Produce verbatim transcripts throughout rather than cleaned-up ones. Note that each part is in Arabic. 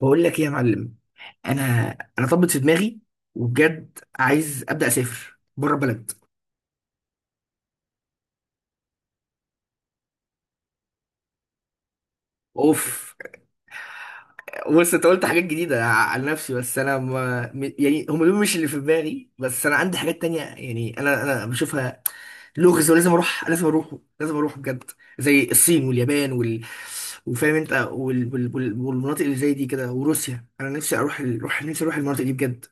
بقول لك ايه يا معلم. انا انا طبت في دماغي، وبجد عايز ابدا اسافر بره البلد. اوف. بص، انت قلت حاجات جديده ع- على نفسي، بس انا ما م- يعني هم دول مش اللي في دماغي، بس انا عندي حاجات تانية، يعني انا انا بشوفها لغز. ولازم اروح، لازم اروح، لازم اروح بجد. زي الصين واليابان وال وفاهم انت وال... وال... وال... والمناطق اللي زي دي كده وروسيا. انا نفسي اروح ال... روح... نفسي اروح المناطق دي بجد.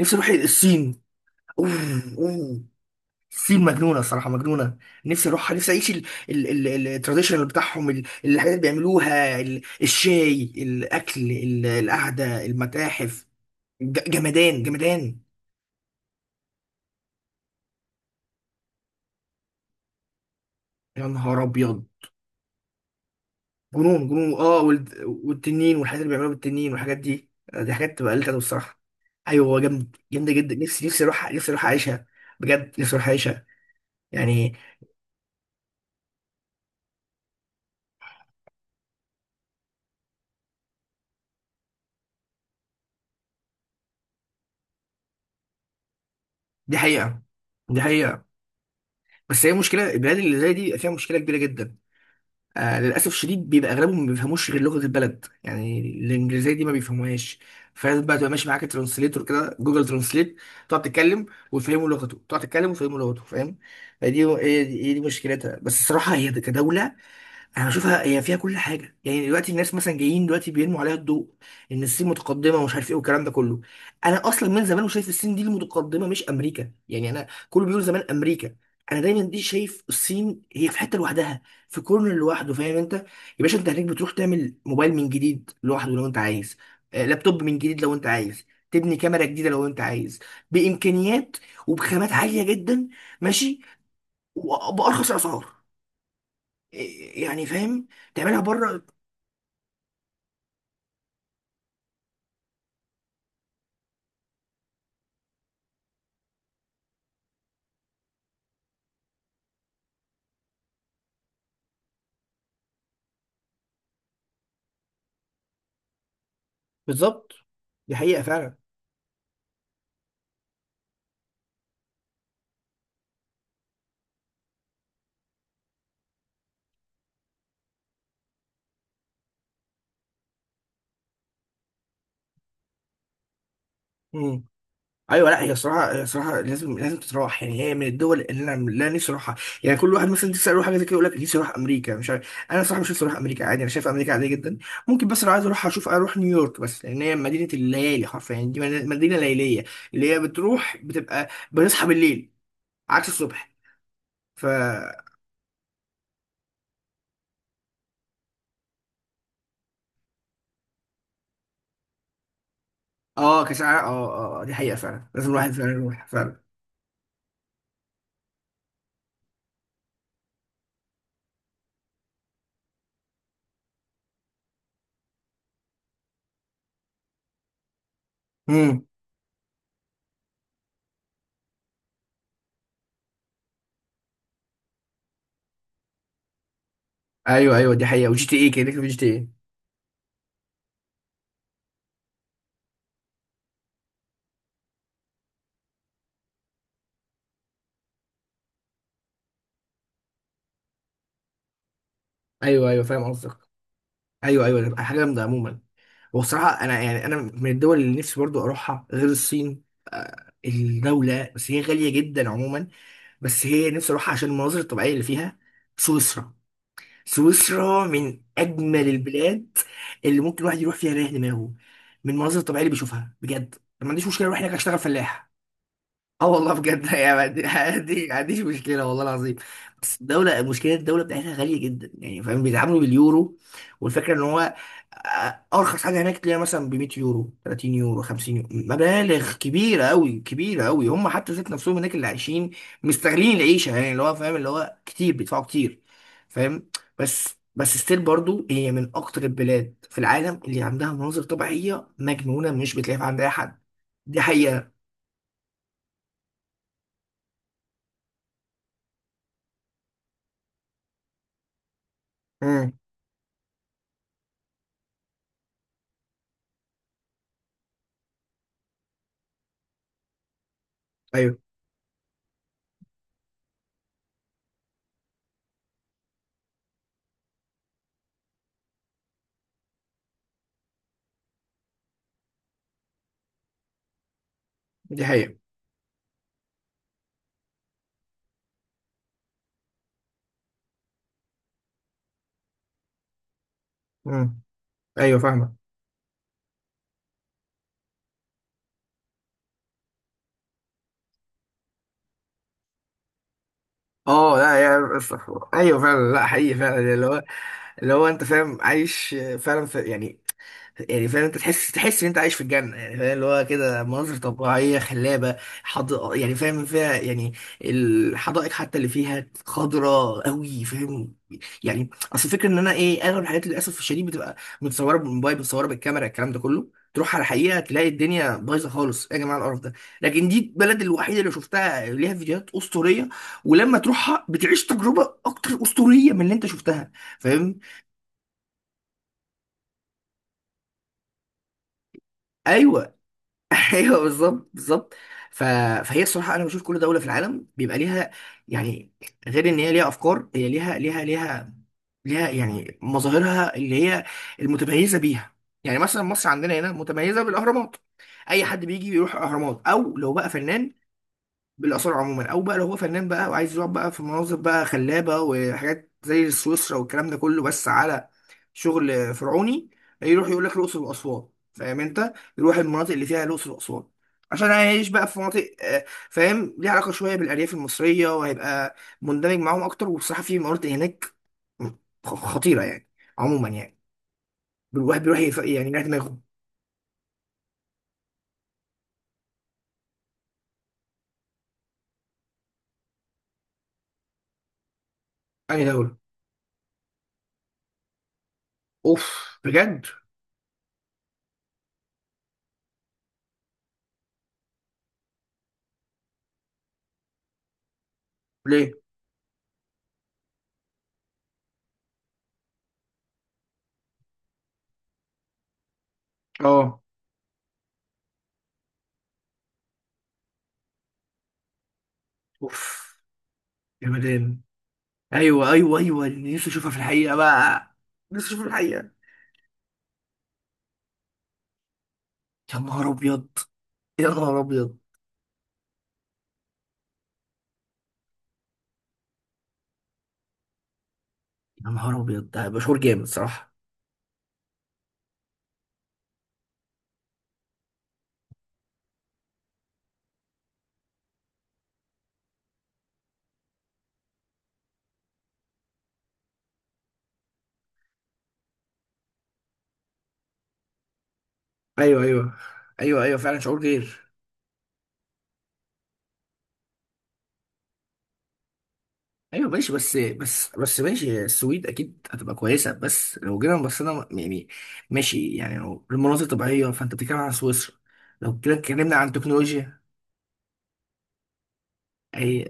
نفسي اروح الصين. اوه اوه. سيل مجنونه، الصراحه مجنونه. نفسي اروحها، نفسي اعيش التراديشنال بتاعهم، ال- الحاجات اللي بيعملوها، ال- الشاي، الاكل، ال- القعده، المتاحف. ج- جمدان جمدان. يا نهار ابيض. جنون جنون. اه، والد- والتنين والحاجات اللي بيعملوها بالتنين والحاجات دي، آه، دي حاجات تبقى قلت انا الصراحه. ايوه، هو جامد، جامده جدا، نفسي نفسي اروح، نفسي اروح اعيشها. بجد نفسي اروح اعيشها، يعني. دي حقيقه. دي حقيقه. بس هي مشكله، البلاد اللي زي دي فيها مشكله كبيره جدا. آه للأسف شديد بيبقى أغلبهم ما بيفهموش غير لغة البلد، يعني الإنجليزية دي ما بيفهموهاش. فلازم بقى تبقى ماشي معاك ترانسليتور كده، جوجل ترانسليت. تقعد تتكلم ويفهموا لغته، تقعد تتكلم ويفهموا لغته، فاهم. فدي هي دي, هي دي مشكلتها. بس الصراحة هي كدولة، انا بشوفها هي فيها كل حاجه. يعني دلوقتي الناس مثلا جايين دلوقتي بيرموا عليها الضوء ان الصين متقدمه ومش عارف ايه والكلام ده كله. انا اصلا من زمان وشايف الصين دي المتقدمه مش امريكا، يعني انا كله بيقول زمان امريكا. انا دايما دي شايف الصين هي في حته لوحدها، في كورنر لوحده، فاهم انت يا باشا. انت هناك بتروح تعمل موبايل من جديد لوحده لو انت عايز، آه، لابتوب من جديد لو انت عايز، تبني كاميرا جديده لو انت عايز، بامكانيات وبخامات عاليه جدا. ماشي. وبارخص اسعار، يعني فاهم، تعملها بره. بالظبط، دي حقيقة فعلا. مم. ايوه، لا هي الصراحه هي الصراحه لازم، لازم تتراح، يعني هي من الدول اللي انا لا نفسي اروحها. يعني كل واحد مثلا نفسي اروح حاجه زي كده يقول لك نفسي اروح امريكا. مش عارف انا صراحه، مش نفسي اروح امريكا، عادي، انا شايف امريكا عاديه جدا. ممكن بس لو عايز اروح اشوف، اروح نيويورك، بس لان هي مدينه الليالي حرفيا، يعني دي مدينه ليليه. اللي هي بتروح بتبقى بنصحى بالليل عكس الصبح. ف. اه كساعه اه. اه، آه، دي حقيقه فعلا، لازم الواحد فعلا يروح فعلا. ايوه ايوه، دي حقيقه. وجي تي اي، كده كده في جي تي اي. ايوه ايوه، فاهم قصدك. ايوه ايوه، ده حاجه جامده عموما. وبصراحه انا يعني انا من الدول اللي نفسي برضو اروحها غير الصين، آه، الدوله بس هي غاليه جدا عموما، بس هي نفسي اروحها عشان المناظر الطبيعيه اللي فيها. سويسرا. سويسرا من اجمل البلاد اللي ممكن الواحد يروح فيها يريح دماغه، من المناظر الطبيعيه اللي بيشوفها بجد. ما عنديش مشكله اروح هناك اشتغل فلاح. اه والله بجد يعني. دي دي- ما عنديش مشكله والله العظيم. بس الدوله، مشكله الدوله بتاعتها غاليه جدا، يعني فاهم بيتعاملوا باليورو، والفكره ان هو آه، ارخص حاجه هناك تلاقيها مثلا ب مئة يورو، تلاتين يورو، خمسين يورو، مبالغ كبيره قوي، كبيره قوي، هم حتى ذات نفسهم هناك اللي عايشين مستغلين العيشه، يعني اللي هو فاهم اللي هو كتير بيدفعوا كتير، فاهم. بس بس ستيل برضو، هي من اكتر البلاد في العالم اللي عندها مناظر طبيعيه مجنونه، مش بتلاقيها عند اي حد. دي حقيقه. امم. دي حقيقة. مم. ايوه فاهمة. اه لا يا ف- ايوه فعلا، لا حقيقي فعلا. اللي هو اللي هو انت فاهم عايش فعلا في يعني، يعني فاهم انت، تحس تحس ان انت عايش في الجنه، يعني فاهم، اللي هو كده مناظر طبيعيه خلابه، حض... يعني فاهم فيها يعني، الحدائق حتى اللي فيها خضراء قوي، فاهم. يعني اصل الفكره ان انا ايه، اغلب الحاجات للاسف الشديد بتبقى متصوره بالموبايل، متصوره بالكاميرا، الكلام ده كله. تروح على الحقيقه تلاقي الدنيا بايظه خالص، ايه يا جماعه القرف ده. لكن دي البلد الوحيده اللي شفتها ليها فيديوهات اسطوريه، ولما تروحها بتعيش تجربه اكتر اسطوريه من اللي انت شفتها، فاهم. ايوه. ايوه بالظبط بالظبط. ف... فهي الصراحه انا بشوف كل دوله في العالم بيبقى ليها، يعني، غير ان هي ليها افكار، هي ليها ليها ليها ليها يعني مظاهرها اللي هي المتميزه بيها. يعني مثلا مصر عندنا هنا متميزه بالاهرامات، اي حد بيجي يروح اهرامات او لو بقى فنان، بالاثار عموما، او بقى لو هو فنان بقى وعايز يقعد بقى في مناظر بقى خلابه وحاجات زي سويسرا والكلام ده كله بس على شغل فرعوني يروح يقول لك الاقصر واسوان، فاهم انت، يروح المناطق اللي فيها الاقصر واسوان عشان هيعيش بقى في مناطق آه، فاهم، ليها علاقه شويه بالارياف المصريه، وهيبقى مندمج معاهم اكتر. وبصراحه في مناطق هناك خ- خطيره يعني، عموما يعني، الواحد بيروح يف- يعني يريح دماغه. انهي دوله. اوف بجد. ليه. اه. اوف يا مدام. ايوه ايوه ايوه، اللي نفسي اشوفها في الحقيقه بقى. نفسي اشوفها في الحقيقه. يا نهار ابيض. يا نهار ابيض. يا نهار ابيض، ده هيبقى شعور جامد صراحه. ايوه. ايوه ايوه ايوه، فعلا شعور غير. ايوه ماشي، بس بس بس ماشي السويد اكيد هتبقى كويسه، بس لو جينا بصينا يعني ماشي، يعني لو المناظر طبيعيه فانت بتتكلم عن سويسرا، لو كده اتكلمنا عن تكنولوجيا. اي،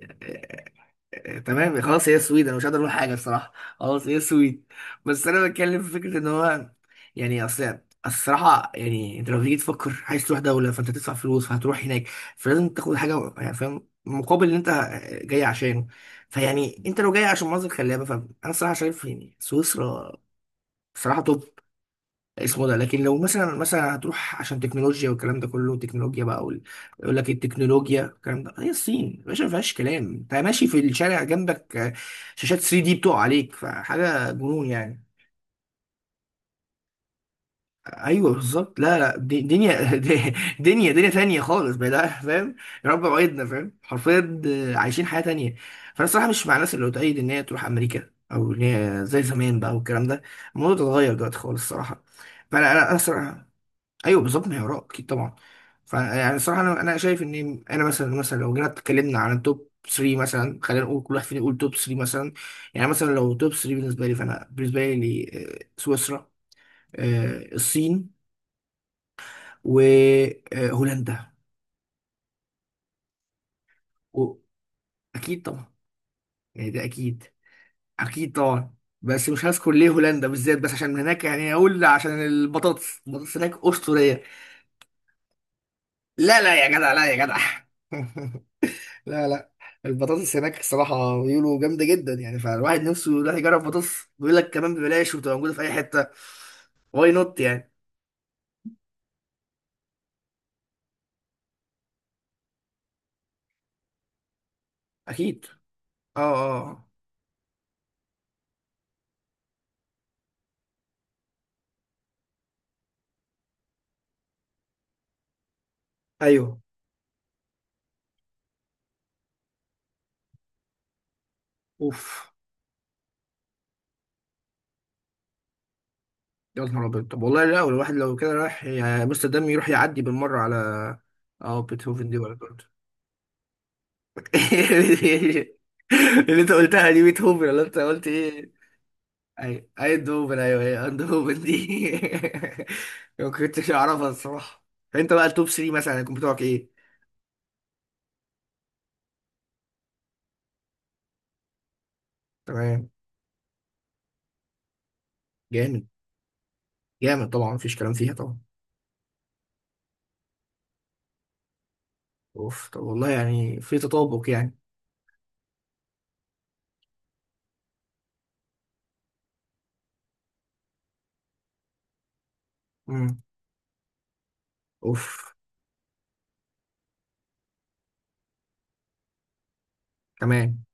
آه، تمام خلاص هي السويد انا مش هقدر اقول حاجه الصراحه. خلاص هي السويد. بس انا بتكلم في فكره ان هو، يعني، اصل الصراحه، يعني انت لو تيجي تفكر عايز تروح دوله، فانت تدفع فلوس فهتروح هناك، فلازم تاخد حاجه يعني فاهم مقابل اللي انت جاي عشانه. فيعني انت لو جاي عشان مناظر خلابه، فانا الصراحه شايف يعني سويسرا صراحه توب اسمه ده، لكن لو مثلا مثلا هتروح عشان تكنولوجيا، والكلام ده كله تكنولوجيا بقى وال- يقول لك التكنولوجيا، الكلام ده هي الصين يا باشا ما فيهاش كلام. انت ماشي في الشارع جنبك آه، شاشات ثري دي بتقع عليك، فحاجه جنون يعني. ايوه بالظبط، لا لا دي- دنيا، دي- دنيا دنيا تانية خالص بقى ده، فاهم. يا رب وعدنا، فاهم حرفيا، آه، عايشين حياه تانية. فانا الصراحه مش مع الناس اللي بتأيد ان هي تروح امريكا، او ان هي زي زمان بقى والكلام ده. الموضوع ده اتغير دلوقتي خالص الصراحه. فانا انا أنا الصراحه. ايوه بالظبط، ما هي اراء اكيد طبعا. فيعني الصراحه انا انا شايف ان انا مثلا مثلا لو جينا اتكلمنا عن التوب ثري مثلا، خلينا نقول كل واحد فينا يقول توب ثري مثلا. يعني مثلا لو توب ثري بالنسبه لي، فانا بالنسبه لي آه، سويسرا، آه، الصين، وهولندا. اكيد طبعا، يعني ده اكيد. اكيد طبعا. بس مش هذكر ليه هولندا بالذات، بس عشان هناك، يعني اقول عشان البطاطس، البطاطس هناك اسطوريه. لا لا يا جدع، لا يا جدع. لا لا. البطاطس هناك الصراحة بيقولوا جامدة جدا، يعني فالواحد نفسه يروح يجرب بطاطس، بيقول لك كمان ببلاش، وبتبقى موجودة في أي حتة، واي نوت يعني. أكيد. أه أه آه. أيوه. أوف. يا نهار أبيض، طب والله لا الواحد لو كده رايح يا أمستردام يروح يعدي بالمرة على أه بيتهوفن دي ولا برضه. اللي أنت قلتها دي بيتهوفن، ولا أنت قلت إيه؟ أي أيندهوفن، أيوه هي أيندهوفن دي. ما كنتش أعرفها الصراحة. أنت بقى التوب ثري مثلا هيكون بتوعك إيه؟ تمام. جامد، جامد طبعا، مفيش كلام فيها طبعا. اوف، طب والله يعني في تطابق يعني. امم. اوف. تمام.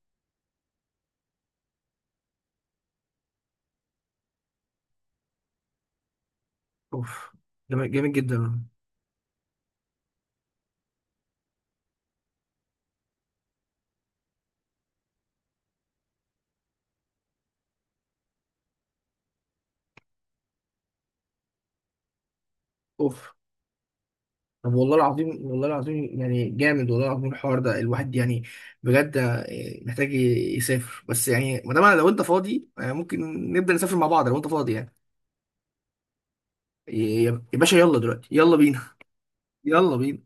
اوف. جامد، جامد جدا. اوف، طب والله العظيم والله العظيم يعني جامد، والله العظيم الحوار ده الواحد يعني بجد آه، محتاج يسافر. بس يعني ما دام أنا- لو انت فاضي آه، ممكن نبدأ نسافر مع بعض، لو انت فاضي يعني. يا يا باشا، يلا دلوقتي، يلا بينا. يلا بينا